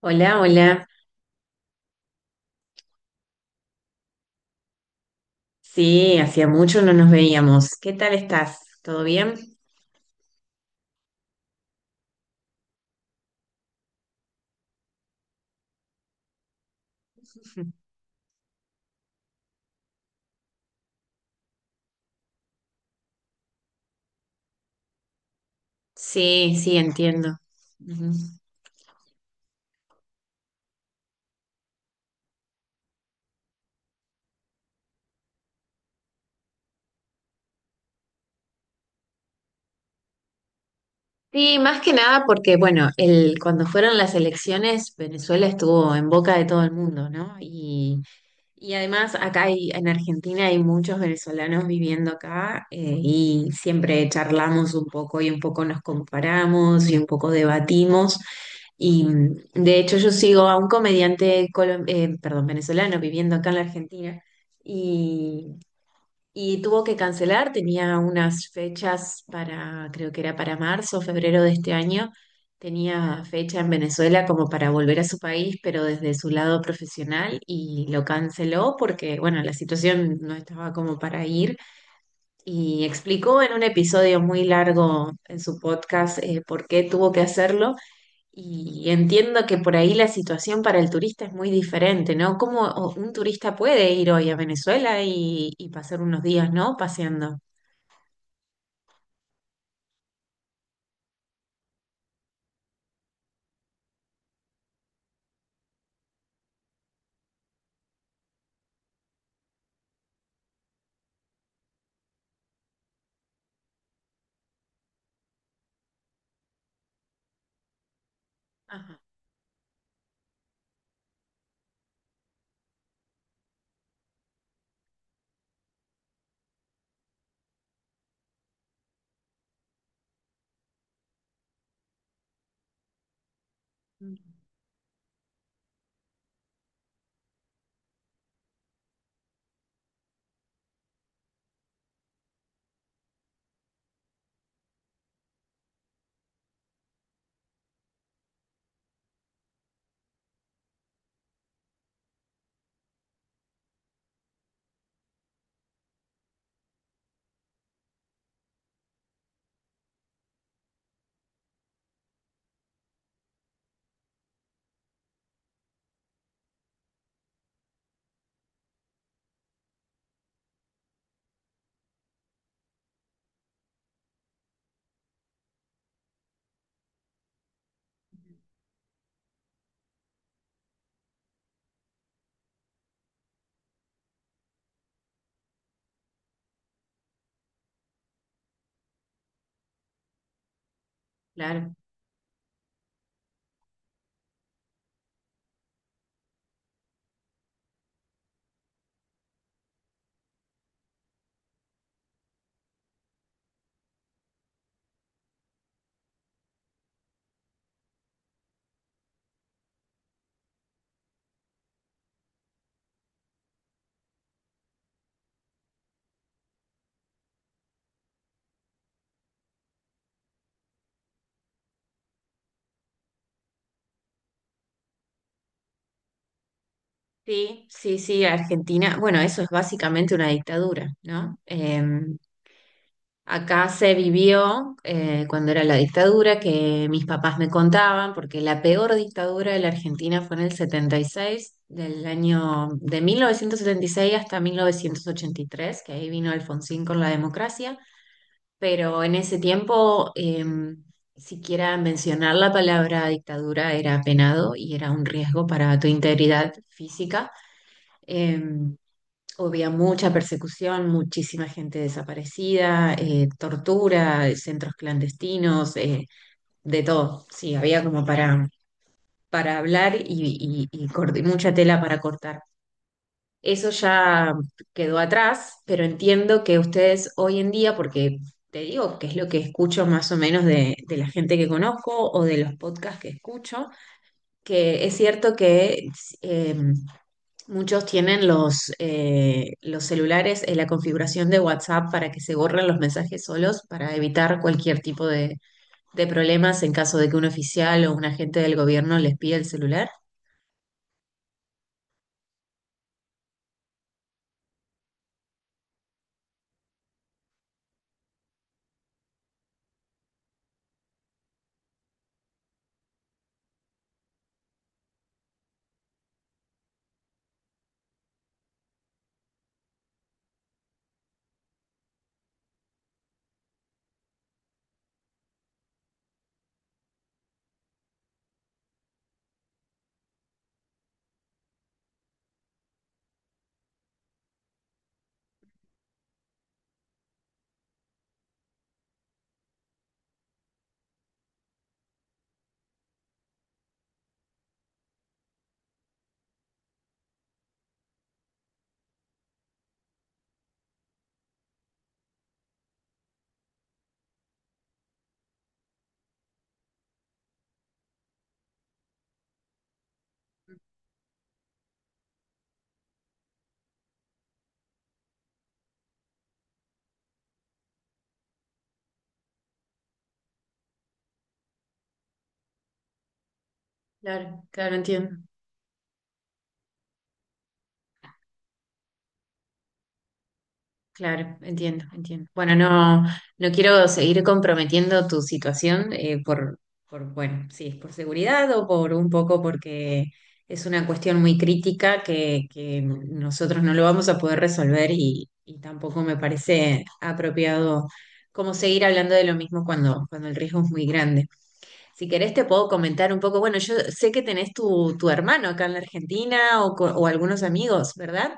Hola, hola. Sí, hacía mucho no nos veíamos. ¿Qué tal estás? ¿Todo bien? Sí, sí, entiendo. Ujú. Sí, más que nada porque, bueno, cuando fueron las elecciones, Venezuela estuvo en boca de todo el mundo, ¿no? Y además en Argentina hay muchos venezolanos viviendo acá, y siempre charlamos un poco y un poco nos comparamos y un poco debatimos. Y de hecho yo sigo a un perdón, venezolano viviendo acá en la Argentina y y tuvo que cancelar, tenía unas fechas para, creo que era para marzo o febrero de este año, tenía fecha en Venezuela como para volver a su país, pero desde su lado profesional y lo canceló porque, bueno, la situación no estaba como para ir. Y explicó en un episodio muy largo en su podcast, por qué tuvo que hacerlo y entiendo que por ahí la situación para el turista es muy diferente, ¿no? ¿Cómo un turista puede ir hoy a Venezuela y pasar unos días, ¿no? Paseando. Ajá. Mm. Claro. Sí, sí, sí, Argentina. Bueno, eso es básicamente una dictadura, ¿no? Acá se vivió, cuando era la dictadura, que mis papás me contaban, porque la peor dictadura de la Argentina fue en el 76, del año de 1976 hasta 1983, que ahí vino Alfonsín con la democracia, pero en ese tiempo siquiera mencionar la palabra dictadura era penado y era un riesgo para tu integridad física. Eh, Había mucha persecución, muchísima gente desaparecida, tortura, centros clandestinos, de todo. Sí, había como para hablar y mucha tela para cortar. Eso ya quedó atrás, pero entiendo que ustedes hoy en día, porque te digo que es lo que escucho más o menos de la gente que conozco o de los podcasts que escucho, que es cierto que eh, muchos tienen los celulares en la configuración de WhatsApp para que se borren los mensajes solos, para evitar cualquier tipo de problemas en caso de que un oficial o un agente del gobierno les pida el celular. Claro, claro, entiendo. Claro, entiendo, entiendo. Bueno, no, no quiero seguir comprometiendo tu situación, por, bueno, si es por seguridad o por un poco porque es una cuestión muy crítica que nosotros no lo vamos a poder resolver y tampoco me parece apropiado como seguir hablando de lo mismo cuando, cuando el riesgo es muy grande. Si querés te puedo comentar un poco, bueno, yo sé que tenés tu, tu hermano acá en la Argentina o algunos amigos, ¿verdad?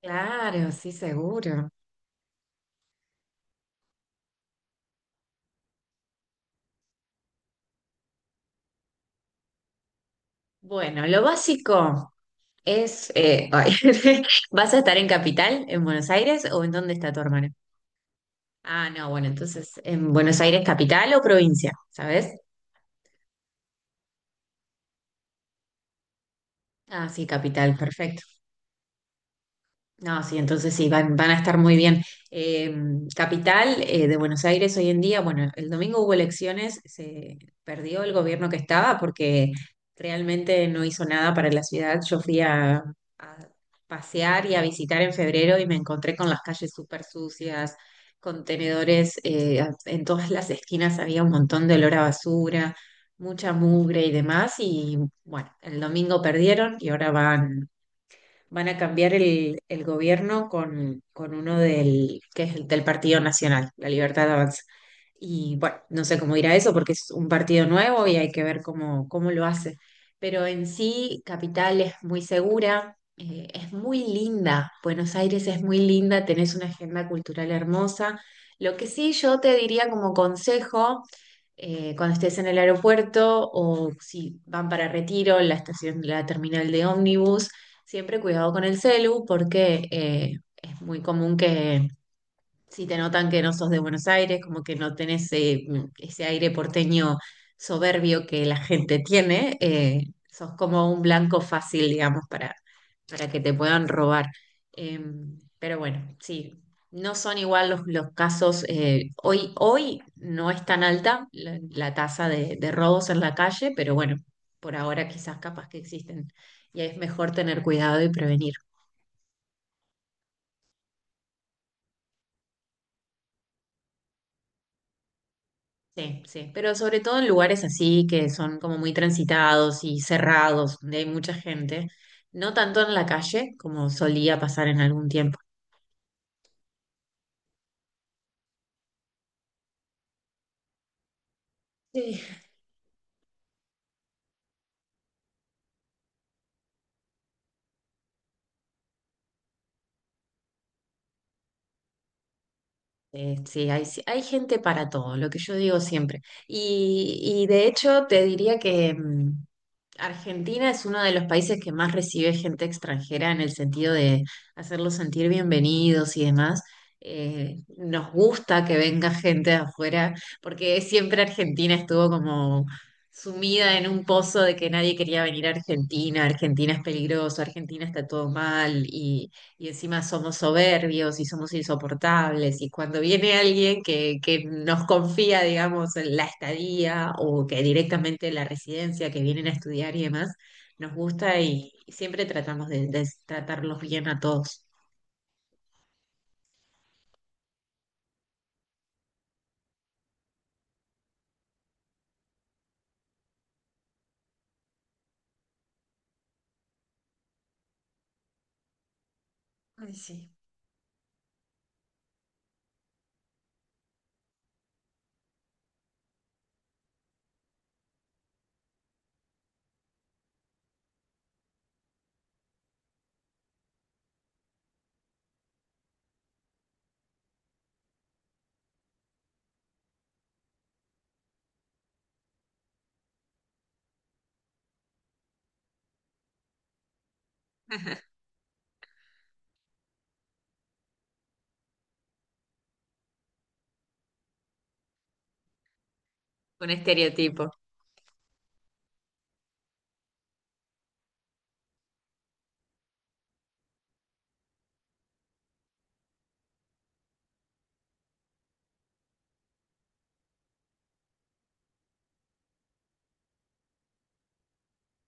Claro, sí, seguro. Bueno, lo básico es, ay, ¿vas a estar en Capital, en Buenos Aires o en dónde está tu hermana? Ah, no, bueno, entonces, ¿en Buenos Aires capital o provincia? ¿Sabes? Ah, sí, capital, perfecto. No, sí, entonces sí, van, van a estar muy bien. Eh, Capital, de Buenos Aires hoy en día, bueno, el domingo hubo elecciones, se perdió el gobierno que estaba porque realmente no hizo nada para la ciudad. Yo fui a pasear y a visitar en febrero y me encontré con las calles súper sucias, contenedores, en todas las esquinas había un montón de olor a basura, mucha mugre y demás. Y bueno, el domingo perdieron y ahora van a cambiar el gobierno con uno del, que es el del Partido Nacional, La Libertad Avanza. Y bueno, no sé cómo irá eso porque es un partido nuevo y hay que ver cómo, cómo lo hace. Pero en sí, Capital es muy segura, es muy linda. Buenos Aires es muy linda, tenés una agenda cultural hermosa. Lo que sí yo te diría como consejo, cuando estés en el aeropuerto o si van para Retiro, la estación, la terminal de ómnibus, siempre cuidado con el celu, porque es muy común que si te notan que no sos de Buenos Aires, como que no tenés ese aire porteño soberbio que la gente tiene, sos como un blanco fácil, digamos, para que te puedan robar. Eh, pero bueno, sí, no son igual los casos. Hoy, hoy no es tan alta la, la tasa de robos en la calle, pero bueno, por ahora quizás capaz que existen y es mejor tener cuidado y prevenir. Sí, sí, pero sobre todo en lugares así que son como muy transitados y cerrados, donde hay mucha gente, no tanto en la calle como solía pasar en algún tiempo. Sí. Sí, hay, sí, hay gente para todo, lo que yo digo siempre. Y de hecho te diría que, Argentina es uno de los países que más recibe gente extranjera, en el sentido de hacerlos sentir bienvenidos y demás. Nos gusta que venga gente de afuera, porque siempre Argentina estuvo como sumida en un pozo de que nadie quería venir a Argentina, Argentina es peligroso, Argentina está todo mal y encima somos soberbios y somos insoportables. Y cuando viene alguien que nos confía, digamos, en la estadía o que directamente la residencia, que vienen a estudiar y demás, nos gusta y siempre tratamos de tratarlos bien a todos. Ay, sí. Un estereotipo.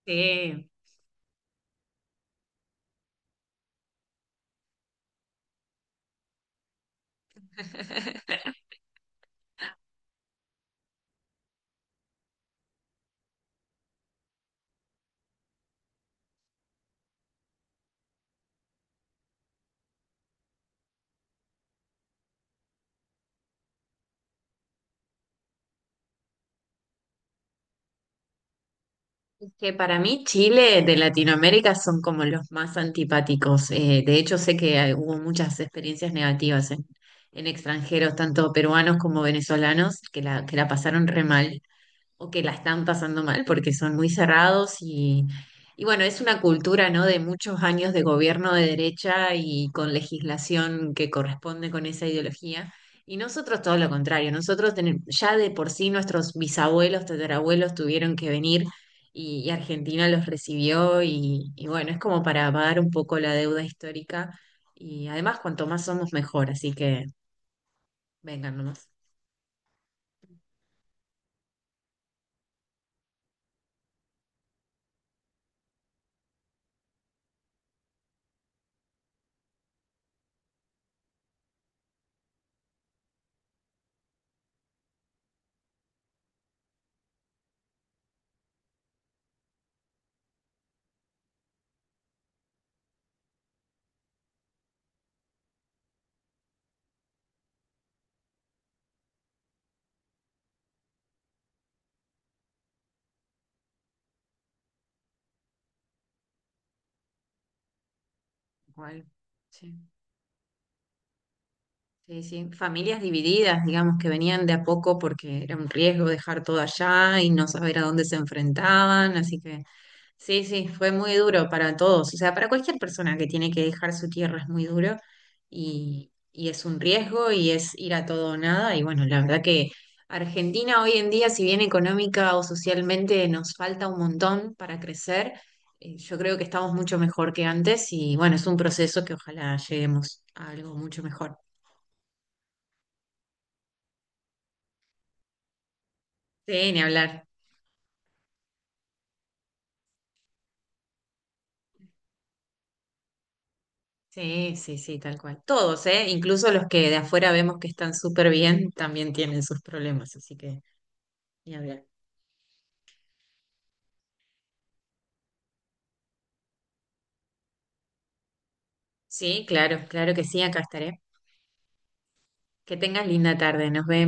Sí. Que para mí Chile de Latinoamérica son como los más antipáticos. De hecho, sé que hubo muchas experiencias negativas en extranjeros, tanto peruanos como venezolanos, que la pasaron re mal o que la están pasando mal porque son muy cerrados y bueno, es una cultura, ¿no?, de muchos años de gobierno de derecha y con legislación que corresponde con esa ideología. Y nosotros todo lo contrario, nosotros ya de por sí nuestros bisabuelos, tatarabuelos tuvieron que venir y Argentina los recibió y bueno, es como para pagar un poco la deuda histórica y además cuanto más somos mejor, así que vengan nomás. Igual, sí. Sí, sí, familias divididas, digamos, que venían de a poco porque era un riesgo dejar todo allá y no saber a dónde se enfrentaban, así que sí, sí, fue muy duro para todos, o sea, para cualquier persona que tiene que dejar su tierra es muy duro y es un riesgo y es ir a todo o nada y bueno, la verdad que Argentina hoy en día, si bien económica o socialmente nos falta un montón para crecer, yo creo que estamos mucho mejor que antes y bueno, es un proceso que ojalá lleguemos a algo mucho mejor. Sí, ni hablar. Sí, sí, sí, tal cual. Todos, ¿eh? Incluso los que de afuera vemos que están súper bien, también tienen sus problemas, así que ni hablar. Sí, claro, claro que sí, acá estaré. Que tengas linda tarde, nos vemos.